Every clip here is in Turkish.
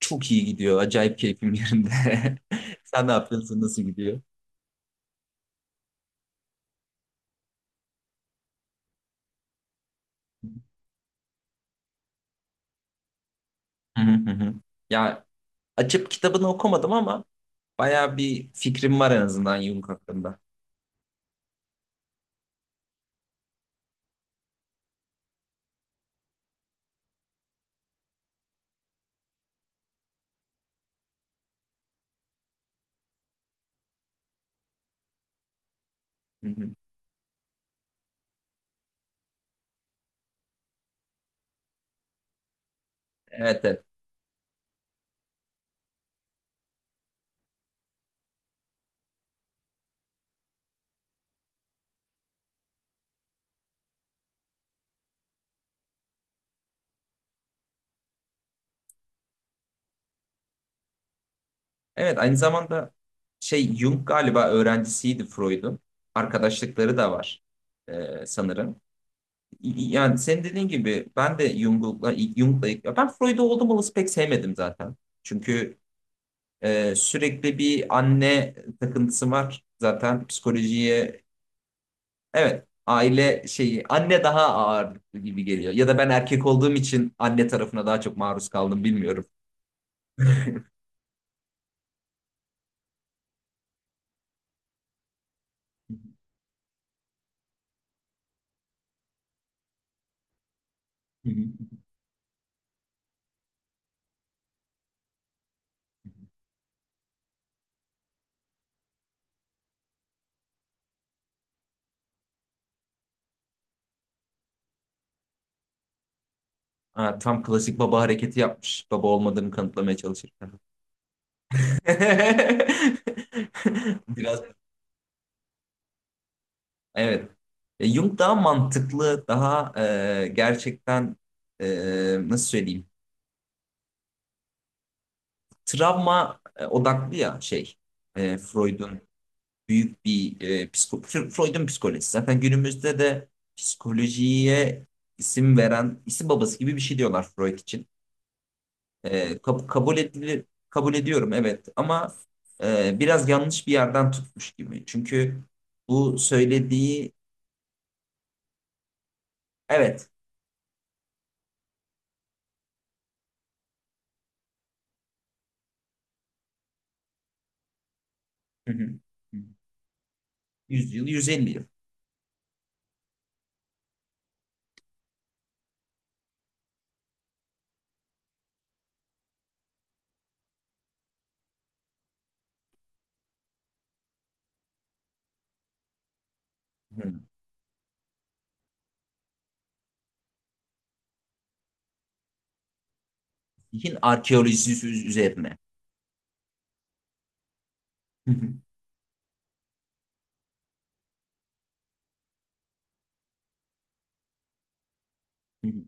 Çok iyi gidiyor. Acayip keyfim yerinde. Sen ne yapıyorsun? Nasıl gidiyor? Hı hı hı hı. Ya, açıp kitabını okumadım ama bayağı bir fikrim var en azından Jung hakkında. Hı hı. Evet, evet. Evet, aynı zamanda şey Jung galiba öğrencisiydi Freud'un. Arkadaşlıkları da var, sanırım. Yani senin dediğin gibi ben de Jung'la, ya ben Freud'u oldum olası pek sevmedim zaten. Çünkü sürekli bir anne takıntısı var. Zaten psikolojiye evet, aile şeyi, anne daha ağırlıklı gibi geliyor. Ya da ben erkek olduğum için anne tarafına daha çok maruz kaldım, bilmiyorum. Hı hı. Ha, tam klasik baba hareketi yapmış. Baba olmadığını kanıtlamaya çalışırken. Biraz, evet. Jung daha mantıklı, daha gerçekten, e, nasıl söyleyeyim? Travma odaklı, ya şey. Freud'un büyük bir e, psiko Freud'un psikolojisi. Zaten günümüzde de psikolojiye isim veren, isim babası gibi bir şey diyorlar Freud için. Kabul edilir, kabul ediyorum, evet ama biraz yanlış bir yerden tutmuş gibi. Çünkü bu söylediği, evet. Hı hı. 100 yıl, 150 yıl. Hı hı. Zihin arkeolojisi üzerine. Hı hı. Hı hı.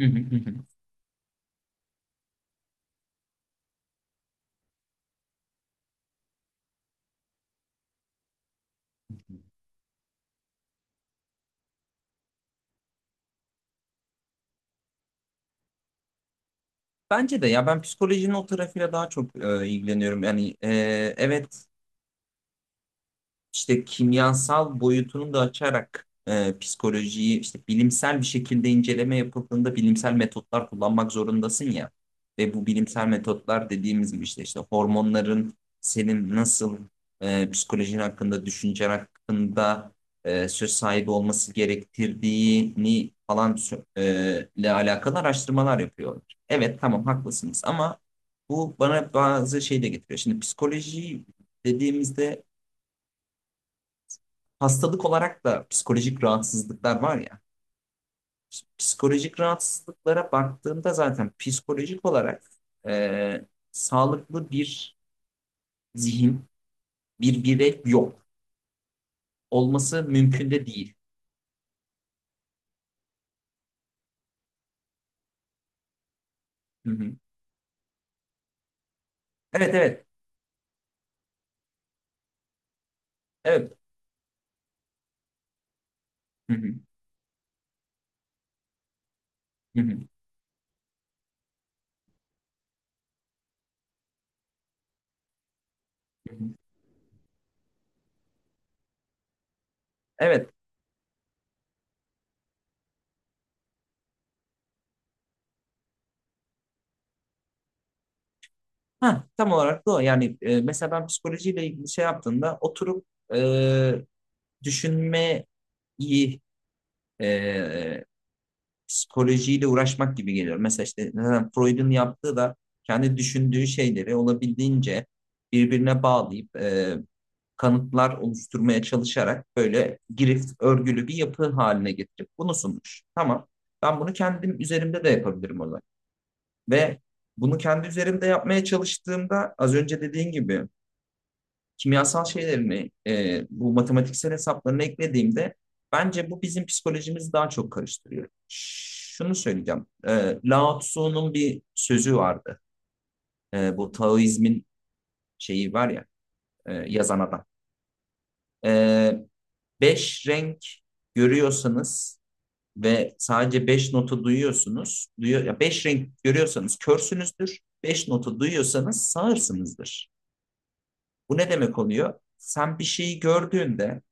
Hı hı. Hı hı. Bence de, ya ben psikolojinin o tarafıyla daha çok ilgileniyorum. Yani, evet, işte kimyasal boyutunu da açarak psikolojiyi işte bilimsel bir şekilde inceleme yapıldığında bilimsel metotlar kullanmak zorundasın ya. Ve bu bilimsel metotlar, dediğimiz gibi, işte hormonların senin nasıl psikolojin hakkında, düşüncen hakkında söz sahibi olması gerektirdiğini falan ile alakalı araştırmalar yapıyorlar. Evet, tamam, haklısınız ama bu bana bazı şey de getiriyor. Şimdi psikoloji dediğimizde, hastalık olarak da psikolojik rahatsızlıklar var ya. Psikolojik rahatsızlıklara baktığımda zaten psikolojik olarak e, sağlıklı bir zihin, bir birey yok. Olması mümkün de değil. Hı hı. Evet, evet, evet. Hı hı, hı hı, hı hı. Evet. Ha, tam olarak da o. Yani, mesela ben psikolojiyle ilgili şey yaptığımda oturup e, düşünmeyi, e, psikolojiyle uğraşmak gibi geliyor. Mesela işte, neden Freud'un yaptığı da kendi düşündüğü şeyleri olabildiğince birbirine bağlayıp kanıtlar oluşturmaya çalışarak, böyle girift örgülü bir yapı haline getirip bunu sunmuş. Tamam. Ben bunu kendim üzerimde de yapabilirim o zaman. Ve bunu kendi üzerimde yapmaya çalıştığımda, az önce dediğin gibi, kimyasal şeylerini, bu matematiksel hesaplarını eklediğimde, bence bu bizim psikolojimizi daha çok karıştırıyor. Şunu söyleyeceğim. Lao Tzu'nun bir sözü vardı. Bu Taoizmin şeyi var ya, yazan adam. E, Beş renk görüyorsanız ve sadece beş notu duyuyorsunuz. Duyuyor, ya beş renk görüyorsanız körsünüzdür. Beş notu duyuyorsanız sağırsınızdır. Bu ne demek oluyor? Sen bir şeyi gördüğünde,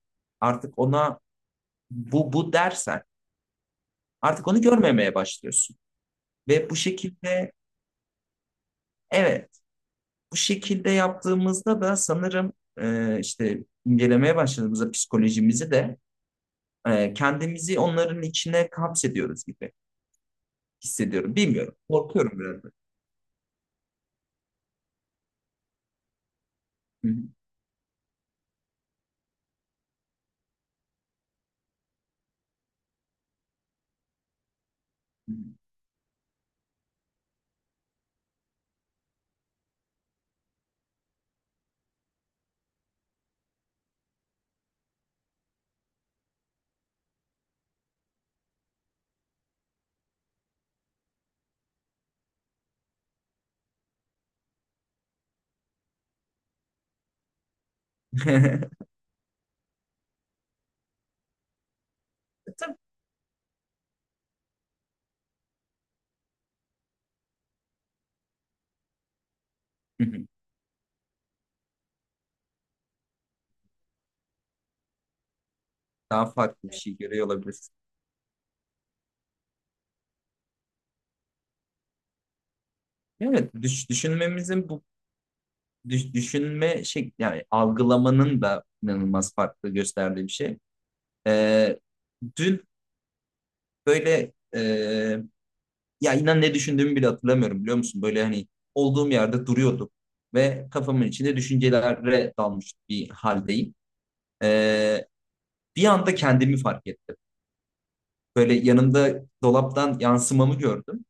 artık ona "bu, bu" dersen, artık onu görmemeye başlıyorsun. Ve bu şekilde, evet, bu şekilde yaptığımızda da sanırım, işte incelemeye başladığımızda psikolojimizi de, kendimizi onların içine kapsediyoruz gibi hissediyorum. Bilmiyorum. Korkuyorum biraz da. Hı hı. Tabii. Hı hı. Daha farklı bir şey görüyor olabilirsin. Evet, düşünmemizin bu düşünme şey, yani algılamanın da inanılmaz farklı gösterdiği bir şey. E, dün böyle, ya inan, ne düşündüğümü bile hatırlamıyorum, biliyor musun? Böyle hani, olduğum yerde duruyordum ve kafamın içinde düşüncelere dalmış bir haldeyim. E, bir anda kendimi fark ettim. Böyle yanımda, dolaptan yansımamı gördüm.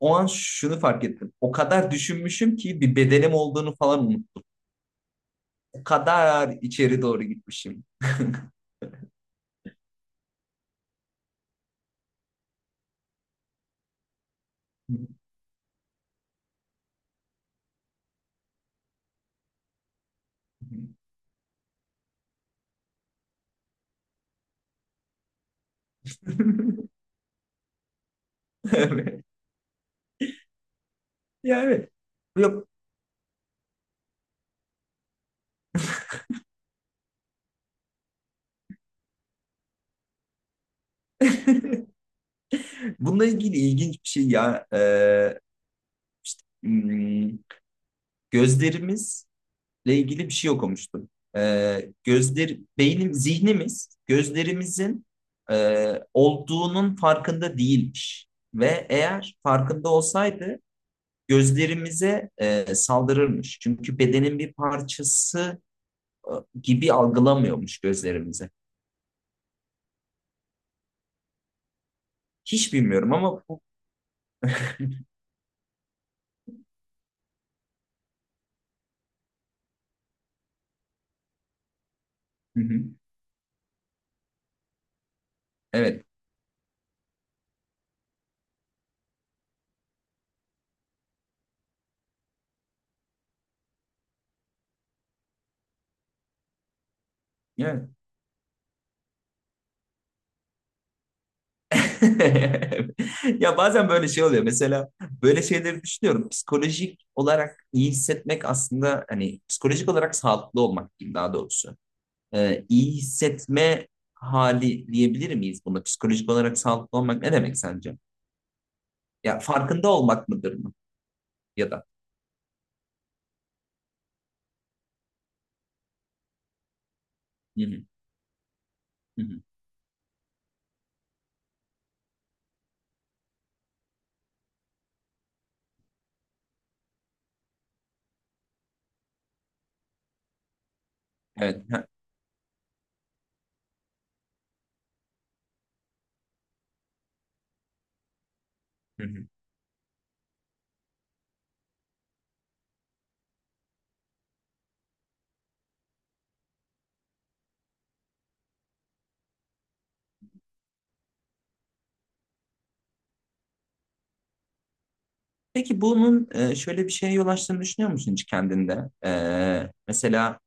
O an şunu fark ettim. O kadar düşünmüşüm ki bir bedenim olduğunu falan unuttum. O kadar içeri doğru gitmişim. Evet. Ya, evet. Yok. Bununla ilgili ilginç bir şey ya. Hmm, gözlerimizle ilgili bir şey okumuştum. Gözler, beynim, zihnimiz gözlerimizin e, olduğunun farkında değilmiş. Ve eğer farkında olsaydı gözlerimize saldırırmış. Çünkü bedenin bir parçası e, gibi algılamıyormuş gözlerimize. Hiç bilmiyorum ama bu... Hı hı. Evet. Evet. Ya, bazen böyle şey oluyor. Mesela böyle şeyleri düşünüyorum. Psikolojik olarak iyi hissetmek aslında, hani psikolojik olarak sağlıklı olmak diyeyim daha doğrusu. İyi hissetme hali diyebilir miyiz buna? Psikolojik olarak sağlıklı olmak ne demek sence? Ya, farkında olmak mıdır mı? Ya da. Hı hı, hı hı. Evet. Ha, hı hı. Peki bunun şöyle bir şeye yol açtığını düşünüyor musun hiç kendinde? Mesela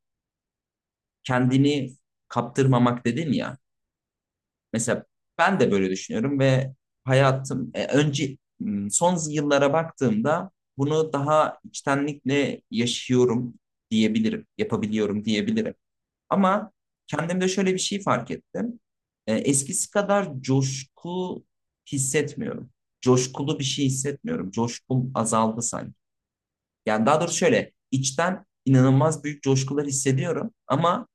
kendini kaptırmamak dedin ya. Mesela ben de böyle düşünüyorum ve hayatım, önce, son yıllara baktığımda bunu daha içtenlikle yaşıyorum diyebilirim, yapabiliyorum diyebilirim. Ama kendimde şöyle bir şey fark ettim. Eskisi kadar coşku hissetmiyorum. Coşkulu bir şey hissetmiyorum. Coşkum azaldı sanki. Yani daha doğrusu, şöyle içten inanılmaz büyük coşkular hissediyorum ama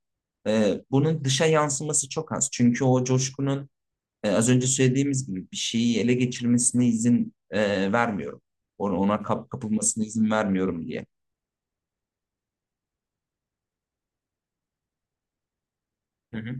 bunun dışa yansıması çok az. Çünkü o coşkunun, az önce söylediğimiz gibi, bir şeyi ele geçirmesine izin vermiyorum. Kapılmasına izin vermiyorum diye. Hı hı.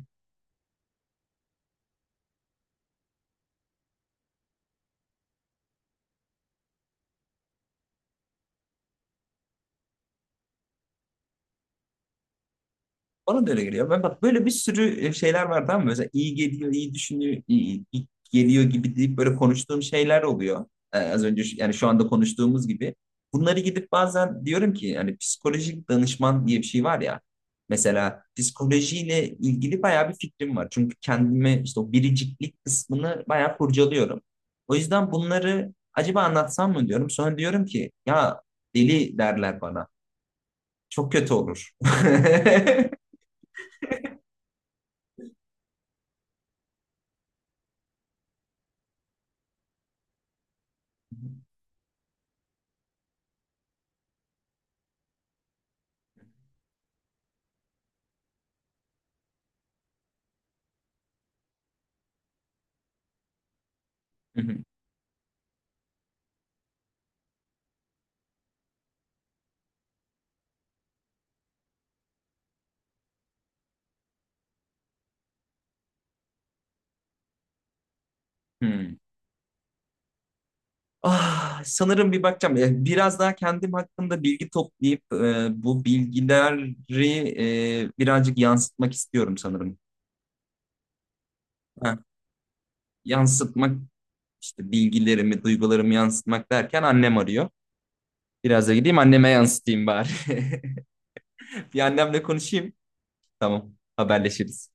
Bana da öyle geliyor. Ben bak, böyle bir sürü şeyler var, tamam mı? Mesela iyi geliyor, iyi düşünüyor, iyi geliyor gibi deyip böyle konuştuğum şeyler oluyor. Az önce, yani şu anda konuştuğumuz gibi. Bunları gidip bazen diyorum ki, yani psikolojik danışman diye bir şey var ya. Mesela psikolojiyle ilgili bayağı bir fikrim var. Çünkü kendime işte o biriciklik kısmını bayağı kurcalıyorum. O yüzden bunları acaba anlatsam mı diyorum. Sonra diyorum ki, ya deli derler bana. Çok kötü olur. Hı hı. Hmm. Ah, sanırım bir bakacağım. Biraz daha kendim hakkında bilgi toplayıp bu bilgileri birazcık yansıtmak istiyorum sanırım. Ha, yansıtmak, işte bilgilerimi, duygularımı yansıtmak derken annem arıyor. Biraz da gideyim, anneme yansıtayım bari. Bir annemle konuşayım. Tamam, haberleşiriz.